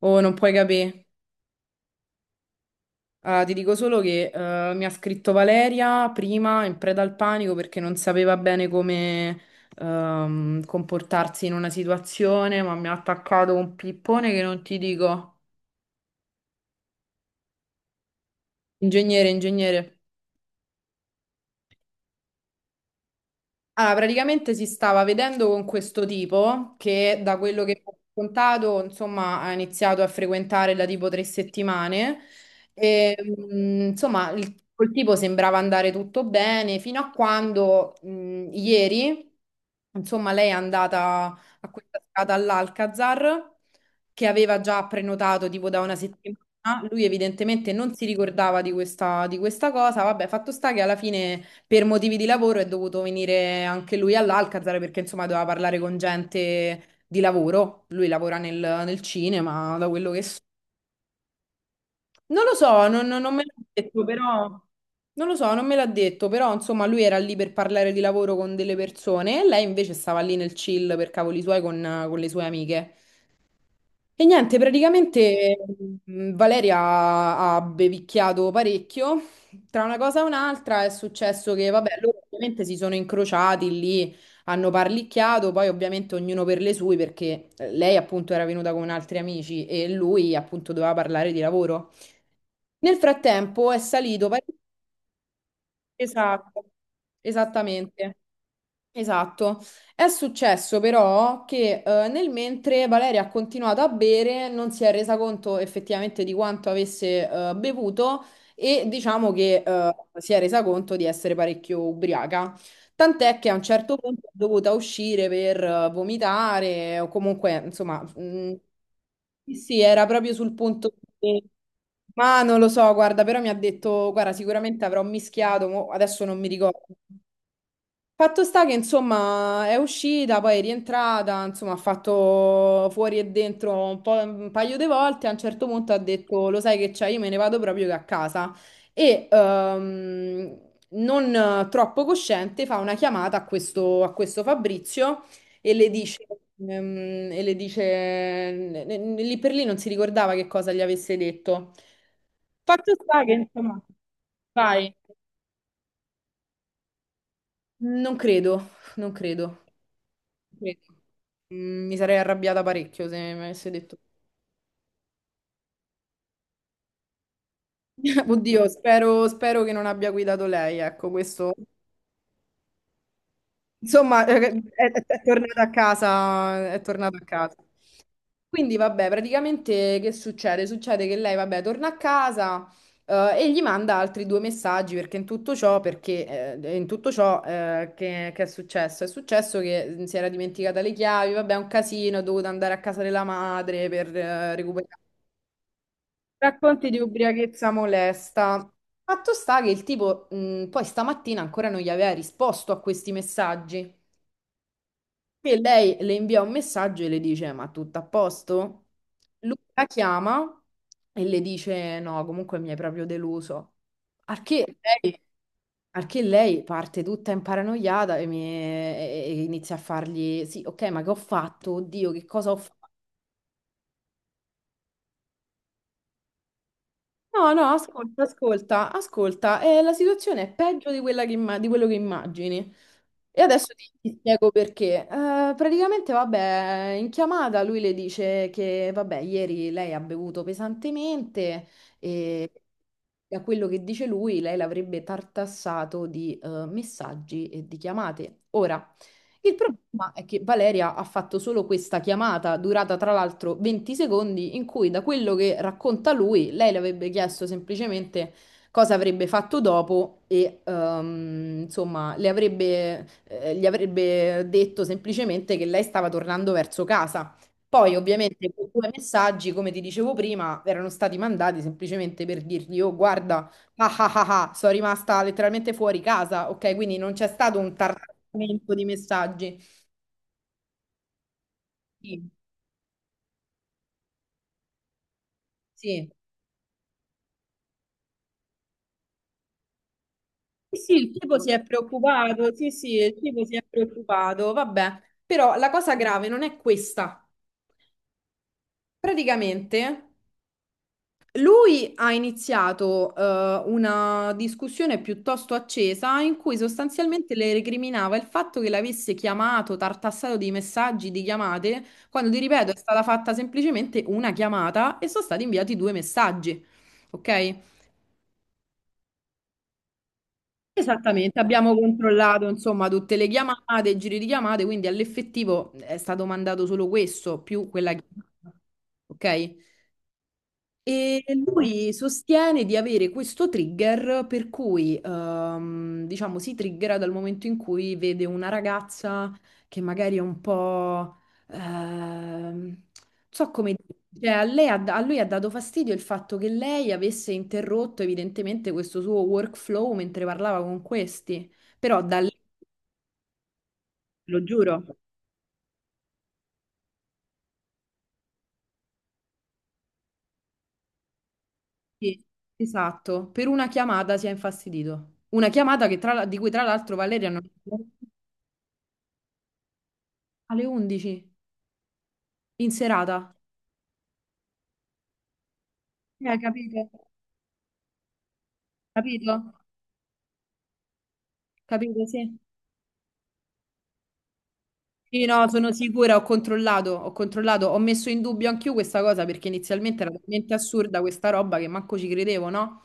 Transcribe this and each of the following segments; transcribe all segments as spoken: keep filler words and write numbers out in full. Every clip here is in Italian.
Oh, non puoi capire. Ah, ti dico solo che eh, mi ha scritto Valeria prima in preda al panico perché non sapeva bene come ehm, comportarsi in una situazione, ma mi ha attaccato un pippone che non ti dico. Ingegnere, ingegnere. Allora, praticamente si stava vedendo con questo tipo che da quello che mi ha raccontato, insomma, ha iniziato a frequentare da tipo tre settimane e, mh, insomma, il, col tipo sembrava andare tutto bene fino a quando, mh, ieri, insomma, lei è andata a questa serata all'Alcazar che aveva già prenotato tipo da una settimana. Lui evidentemente non si ricordava di questa, di questa cosa. Vabbè, fatto sta che alla fine per motivi di lavoro è dovuto venire anche lui all'Alcazar perché insomma doveva parlare con gente di lavoro. Lui lavora nel, nel cinema, da quello che so. Non lo so, non, non- non me l'ha detto, però non lo so, non me l'ha detto, però insomma lui era lì per parlare di lavoro con delle persone e lei invece stava lì nel chill per cavoli suoi con con le sue amiche. E niente, praticamente mh, Valeria ha ha bevicchiato parecchio. Tra una cosa e un'altra è successo che, vabbè, loro ovviamente si sono incrociati lì, hanno parlicchiato, poi ovviamente ognuno per le sue, perché eh, lei appunto era venuta con altri amici e lui appunto doveva parlare di lavoro. Nel frattempo è salito parecchio. Esatto, esattamente. Esatto. È successo però che eh, nel mentre Valeria ha continuato a bere, non si è resa conto effettivamente di quanto avesse eh, bevuto e diciamo che eh, si è resa conto di essere parecchio ubriaca. Tant'è che a un certo punto è dovuta uscire per eh, vomitare o comunque, insomma, mh, sì, sì, era proprio sul punto di... Ma non lo so, guarda, però mi ha detto, guarda, sicuramente avrò mischiato, mo adesso non mi ricordo. Fatto sta che insomma è uscita, poi è rientrata, insomma ha fatto fuori e dentro un po', un paio di volte, a un certo punto ha detto lo sai che c'è, io me ne vado proprio che a casa e ehm, non eh, troppo cosciente fa una chiamata a questo, a questo Fabrizio e le dice, ehm, e le dice n- n- lì per lì non si ricordava che cosa gli avesse detto. Fatto sta che insomma, vai, non credo, non credo. Mm, mi sarei arrabbiata parecchio se mi avesse detto. Oddio, spero, spero che non abbia guidato lei, ecco, questo. Insomma, eh, è, è tornata a casa, è tornata a casa. Quindi, vabbè, praticamente che succede? Succede che lei, vabbè, torna a casa, eh, e gli manda altri due messaggi perché in tutto ciò, perché, eh, in tutto ciò, eh, che, che è successo? È successo che mm, si era dimenticata le chiavi, vabbè, è un casino, è dovuta andare a casa della madre per, eh, recuperare. Racconti di ubriachezza molesta. Fatto sta che il tipo, mh, poi stamattina ancora non gli aveva risposto a questi messaggi. E lei le invia un messaggio e le dice: Ma tutto a posto? Lui la chiama e le dice: No, comunque mi hai proprio deluso. Al che lei, al che lei parte tutta imparanoiata e, mi- e- e inizia a fargli: Sì, ok, ma che ho fatto? Oddio, che cosa ho fatto? No, no, ascolta, ascolta, ascolta, eh, la situazione è peggio di quella che imma- di quello che immagini. E adesso ti, ti spiego perché. Eh, praticamente, vabbè, in chiamata lui le dice che, vabbè, ieri lei ha bevuto pesantemente e a quello che dice lui, lei l'avrebbe tartassato di eh, messaggi e di chiamate. Ora, il problema è che Valeria ha fatto solo questa chiamata, durata tra l'altro venti secondi, in cui da quello che racconta lui, lei le avrebbe chiesto semplicemente cosa avrebbe fatto dopo e ehm, insomma le avrebbe, eh, gli avrebbe detto semplicemente che lei stava tornando verso casa. Poi ovviamente quei due messaggi, come ti dicevo prima, erano stati mandati semplicemente per dirgli, oh guarda, ah ah ah, ah, sono rimasta letteralmente fuori casa, ok? Quindi non c'è stato un tartamento di messaggi. Sì, sì. Sì, sì, il tipo si è preoccupato, sì, sì, il tipo si è preoccupato, vabbè. Però la cosa grave non è questa. Praticamente lui ha iniziato eh, una discussione piuttosto accesa in cui sostanzialmente le recriminava il fatto che l'avesse chiamato, tartassato di messaggi, di chiamate, quando ti ripeto è stata fatta semplicemente una chiamata e sono stati inviati due messaggi. Ok? Esattamente, abbiamo controllato insomma tutte le chiamate, i giri di chiamate, quindi all'effettivo è stato mandato solo questo più quella chiamata. Ok? E lui sostiene di avere questo trigger per cui, ehm, diciamo, si triggera dal momento in cui vede una ragazza che magari è un po'... ehm, non so come dire, cioè, a lei ha- a lui ha dato fastidio il fatto che lei avesse interrotto evidentemente questo suo workflow mentre parlava con questi, però da lì, lo giuro, sì, esatto, per una chiamata si è infastidito. Una chiamata che tra la- di cui tra l'altro Valeria non... Alle undici in serata. Eh, capito, capito? Capito, sì. Sì, no, sono sicura, ho controllato, ho controllato, ho messo in dubbio anch'io questa cosa perché inizialmente era talmente assurda questa roba che manco ci credevo, no?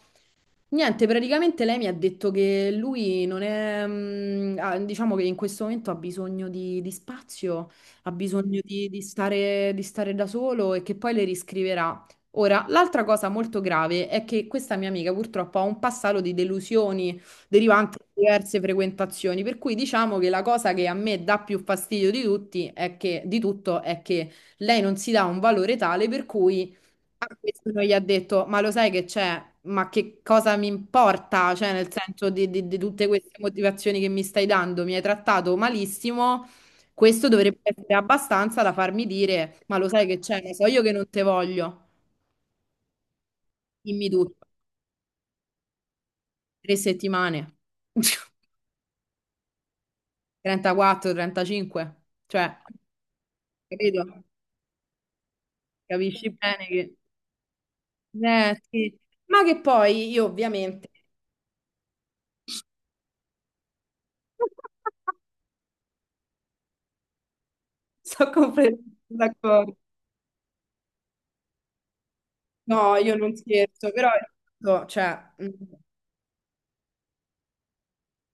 Niente, praticamente lei mi ha detto che lui non è, mm, ah, diciamo che in questo momento ha bisogno di, di spazio, ha bisogno di, di stare, di stare da solo e che poi le riscriverà. Ora, l'altra cosa molto grave è che questa mia amica purtroppo ha un passato di delusioni derivanti da diverse frequentazioni, per cui diciamo che la cosa che a me dà più fastidio di tutti è che, di tutto è che lei non si dà un valore tale per cui a questo gli ha detto, ma lo sai che c'è? Ma che cosa mi importa? Cioè, nel senso di, di- di tutte queste motivazioni che mi stai dando, mi hai trattato malissimo, questo dovrebbe essere abbastanza da farmi dire, ma lo sai che c'è? Lo so io che non te voglio, dimmi tutto, tre settimane, trentaquattro, trentacinque, cioè, capito? Capisci bene che... Eh, sì. Ma che poi io ovviamente... Sono completamente d'accordo. No, io non scherzo, però è tutto, cioè, mm,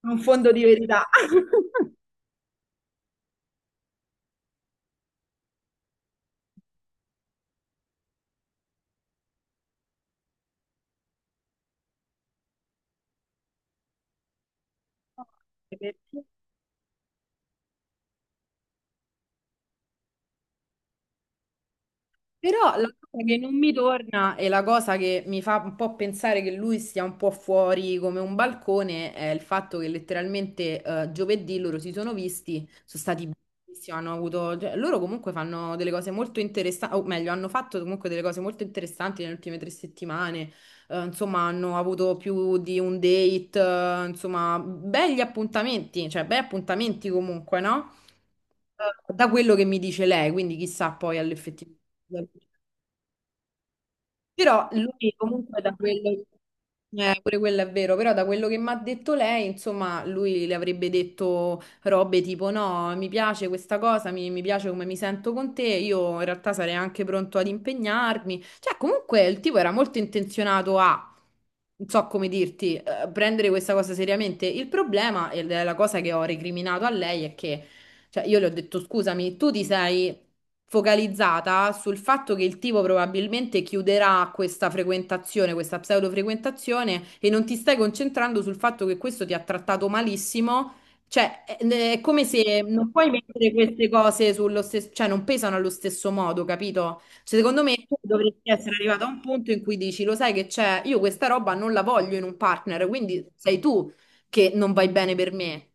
un fondo di verità. No, perché Però la cosa che non mi torna e la cosa che mi fa un po' pensare che lui stia un po' fuori come un balcone è il fatto che letteralmente eh, giovedì loro si sono visti, sono stati bellissimi, hanno avuto, cioè, loro comunque fanno delle cose molto interessanti, o meglio, hanno fatto comunque delle cose molto interessanti nelle ultime tre settimane, eh, insomma hanno avuto più di un date, eh, insomma, belli appuntamenti, cioè bei appuntamenti comunque, no? Eh, da quello che mi dice lei, quindi chissà poi all'effettività. Però lui comunque da quello, eh, pure quello è vero, però da quello che mi ha detto lei, insomma, lui le avrebbe detto robe tipo no, mi piace questa cosa, mi, mi piace come mi sento con te, io in realtà sarei anche pronto ad impegnarmi. Cioè, comunque il tipo era molto intenzionato a... Non so come dirti, eh, prendere questa cosa seriamente. Il problema, e la cosa che ho recriminato a lei, è che cioè, io le ho detto, scusami, tu ti sei focalizzata sul fatto che il tipo probabilmente chiuderà questa frequentazione, questa pseudofrequentazione, e non ti stai concentrando sul fatto che questo ti ha trattato malissimo. Cioè, è è come se non puoi mettere queste cose sullo stesso, cioè non pesano allo stesso modo, capito? Cioè, secondo me tu dovresti essere arrivato a un punto in cui dici, lo sai che c'è, io questa roba non la voglio in un partner, quindi sei tu che non vai bene per me.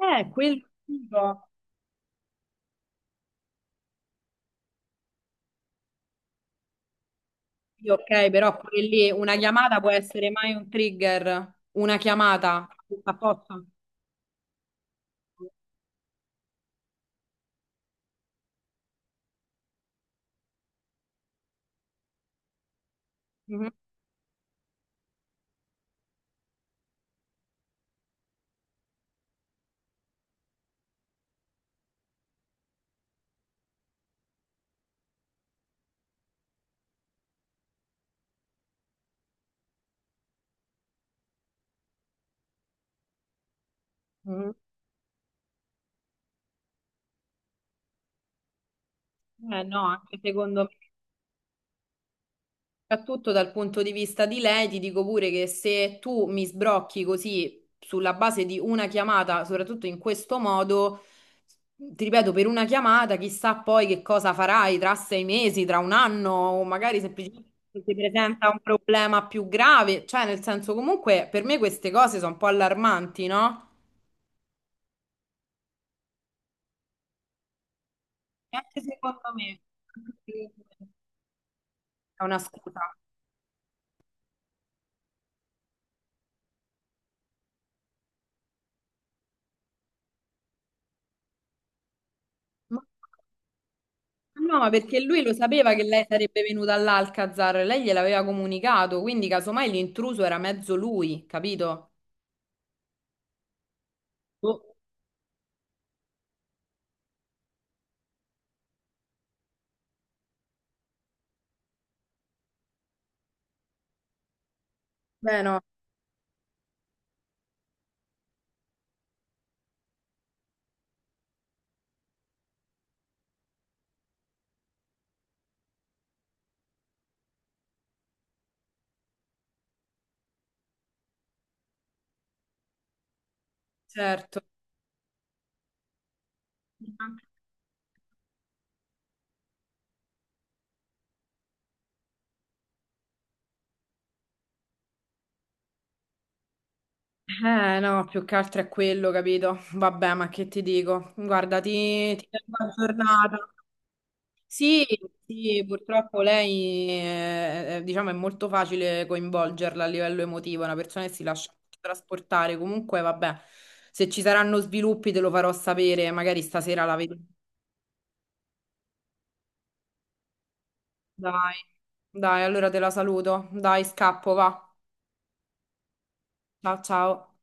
Eh, quello. Sì, ok, però pure lì una chiamata può essere mai un trigger, una chiamata, tutto a posto. Mhm, mhm. Eh no, anche secondo me. Soprattutto dal punto di vista di lei, ti dico pure che se tu mi sbrocchi così sulla base di una chiamata, soprattutto in questo modo, ti ripeto, per una chiamata, chissà poi che cosa farai tra sei mesi, tra un anno, o magari semplicemente si presenta un problema più grave. Cioè, nel senso, comunque, per me queste cose sono un po' allarmanti, no? E anche secondo me è una scusa. No, ma perché lui lo sapeva che lei sarebbe venuta all'Alcazar, lei gliel'aveva comunicato, quindi casomai l'intruso era mezzo lui, capito? Boh. Beh, no, certo. Eh, no, più che altro è quello, capito? Vabbè, ma che ti dico? Guarda, ti, ti tengo aggiornata. Sì, sì, purtroppo lei eh, eh, diciamo, è molto facile coinvolgerla a livello emotivo, è una persona che si lascia trasportare. Comunque, vabbè, se ci saranno sviluppi te lo farò sapere, magari stasera la vedo. Dai, dai, allora te la saluto. Dai, scappo, va. Ciao, ciao.